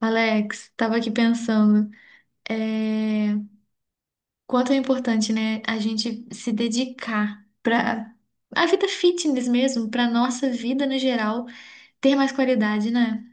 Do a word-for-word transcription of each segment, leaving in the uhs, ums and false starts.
Alex, tava aqui pensando, é, quanto é importante, né, a gente se dedicar para a vida fitness mesmo, para nossa vida no geral ter mais qualidade, né?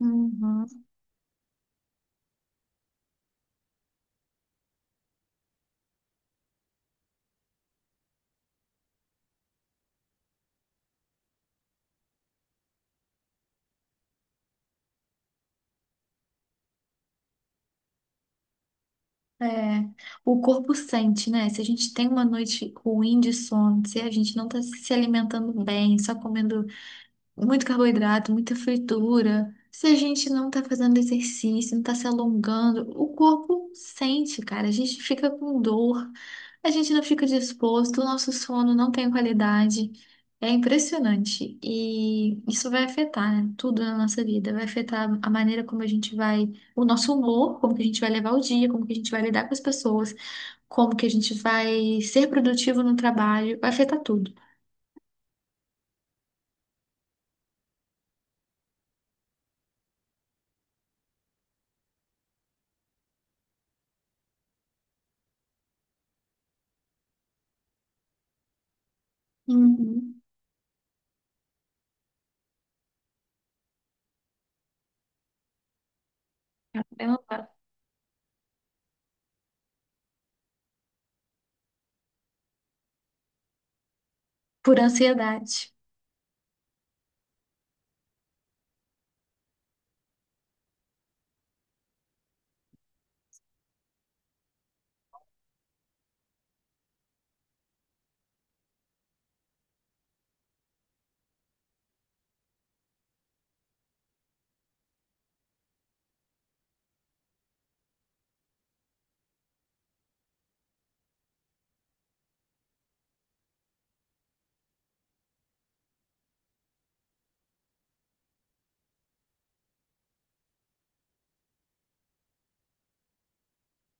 Uhum. É, o corpo sente, né? Se a gente tem uma noite ruim de sono, se a gente não tá se alimentando bem, só comendo muito carboidrato, muita fritura. Se a gente não tá fazendo exercício, não tá se alongando, o corpo sente, cara. A gente fica com dor, a gente não fica disposto, o nosso sono não tem qualidade. É impressionante. E isso vai afetar, né, tudo na nossa vida. Vai afetar a maneira como a gente vai, o nosso humor, como que a gente vai levar o dia, como que a gente vai lidar com as pessoas, como que a gente vai ser produtivo no trabalho. Vai afetar tudo. Uhum. É uma- Por ansiedade.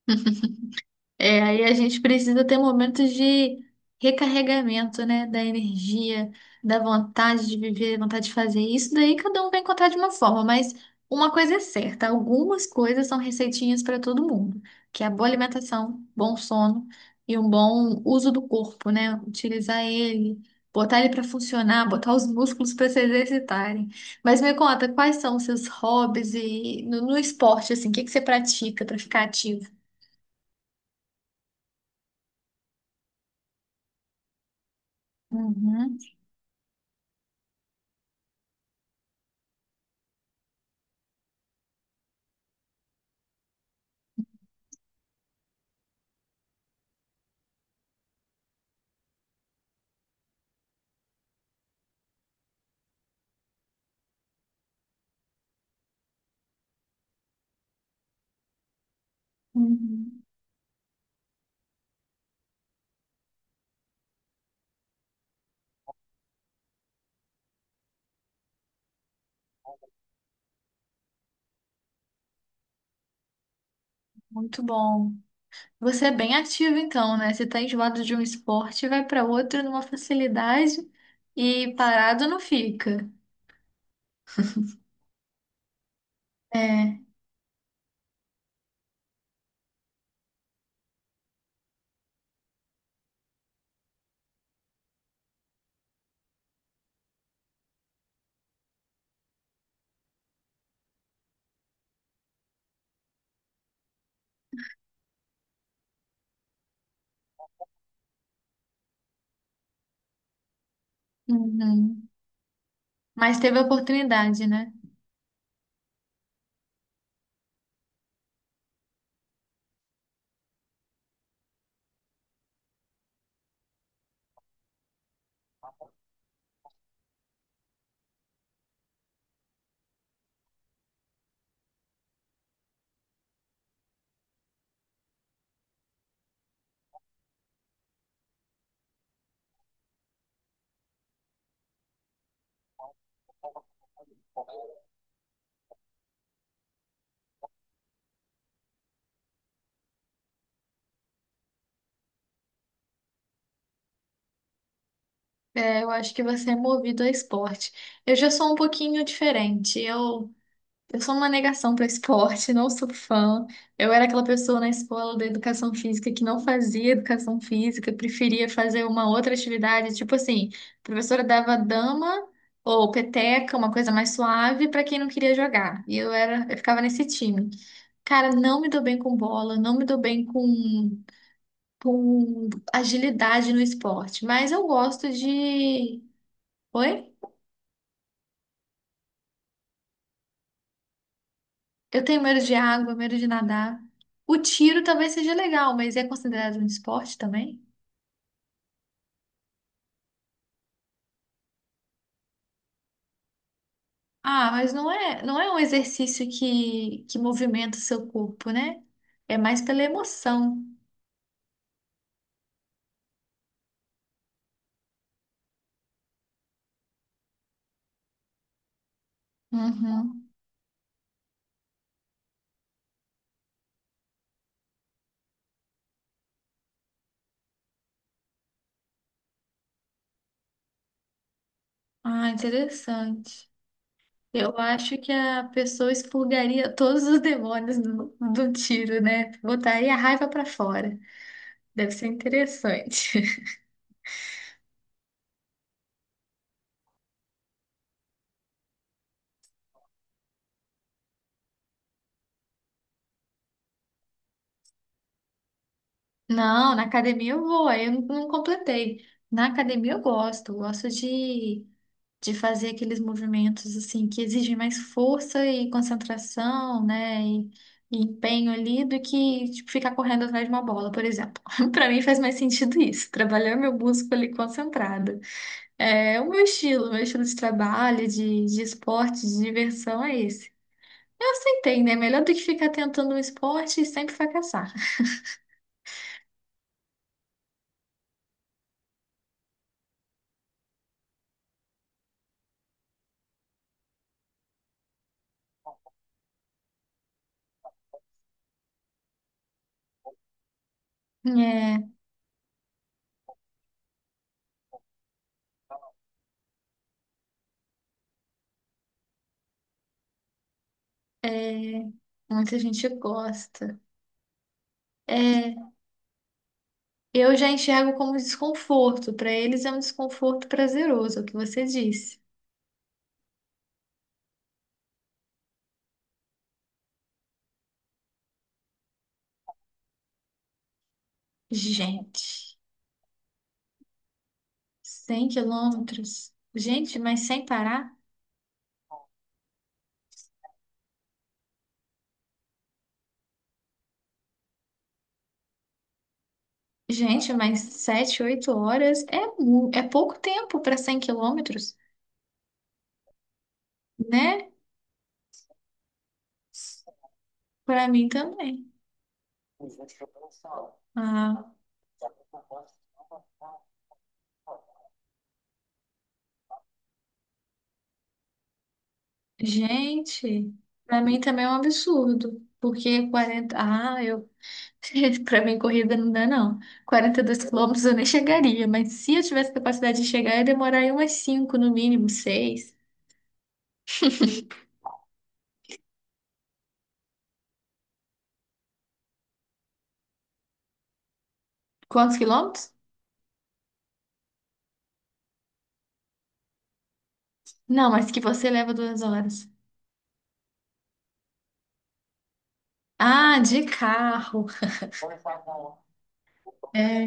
É, aí a gente precisa ter momentos de recarregamento, né? Da energia, da vontade de viver, vontade de fazer isso. Daí cada um vai encontrar de uma forma, mas uma coisa é certa: algumas coisas são receitinhas para todo mundo, que é a boa alimentação, bom sono e um bom uso do corpo, né? Utilizar ele, botar ele para funcionar, botar os músculos para se exercitarem. Mas me conta, quais são os seus hobbies e no, no esporte, assim, o que que você pratica para ficar ativo? Uhum. Uhum. Muito bom. Você é bem ativo então, né? Você tá enjoado de um esporte, vai para outro numa facilidade e parado não fica. É. Uhum. Mas teve oportunidade, né? É, eu acho que você é movido a esporte. Eu já sou um pouquinho diferente. Eu Eu sou uma negação para esporte, não sou fã. Eu era aquela pessoa na escola da educação física que não fazia educação física, preferia fazer uma outra atividade, tipo assim, a professora dava dama ou peteca, uma coisa mais suave para quem não queria jogar. E eu era, eu ficava nesse time. Cara, não me dou bem com bola, não me dou bem com com agilidade no esporte, mas eu gosto de Oi? Eu tenho medo de água, medo de nadar. O tiro talvez seja legal, mas é considerado um esporte também? Ah, mas não é, não é um exercício que, que movimenta o seu corpo, né? É mais pela emoção. Uhum. Ah, interessante. Eu acho que a pessoa expurgaria todos os demônios do, do tiro, né? Botaria a raiva pra fora. Deve ser interessante. Não, na academia eu vou, aí eu não, não completei. Na academia eu gosto, eu gosto de, de fazer aqueles movimentos assim que exigem mais força e concentração, né? E, e empenho ali do que tipo, ficar correndo atrás de uma bola, por exemplo. Pra mim faz mais sentido isso, trabalhar meu músculo ali concentrado. É o meu estilo, meu estilo de trabalho, de, de esporte, de diversão é esse. Eu aceitei, né? Melhor do que ficar tentando um esporte e sempre fracassar. É, É, muita gente gosta. É, eu já enxergo como desconforto. Para eles é um desconforto prazeroso, é o que você disse. Gente, cem quilômetros. Gente, mas sem parar? Gente, mas sete oito horas é, mu- é pouco tempo para cem quilômetros, né? Para mim também. Ah, gente, para mim também é um absurdo. Porque quarenta Ah, eu Pra mim, corrida não dá, não. Quarenta e dois quilômetros eu nem chegaria, mas se eu tivesse capacidade de chegar, ia demorar aí umas cinco no mínimo, seis Quantos quilômetros? Não, mas que você leva duas horas. Ah, de carro. É,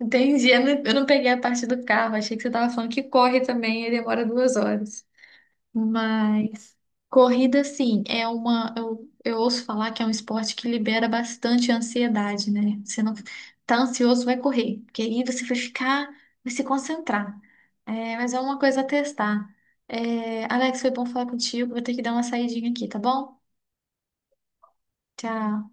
entendi. Eu não, eu não peguei a parte do carro. Achei que você tava falando que corre também e demora duas horas. Mas corrida, sim, é uma. Eu, eu ouço falar que é um esporte que libera bastante ansiedade, né? Você não tá ansioso, vai correr, porque aí você vai ficar, vai se concentrar. É, mas é uma coisa a testar. É, Alex, foi bom falar contigo. Vou ter que dar uma saidinha aqui, tá bom? Tchau.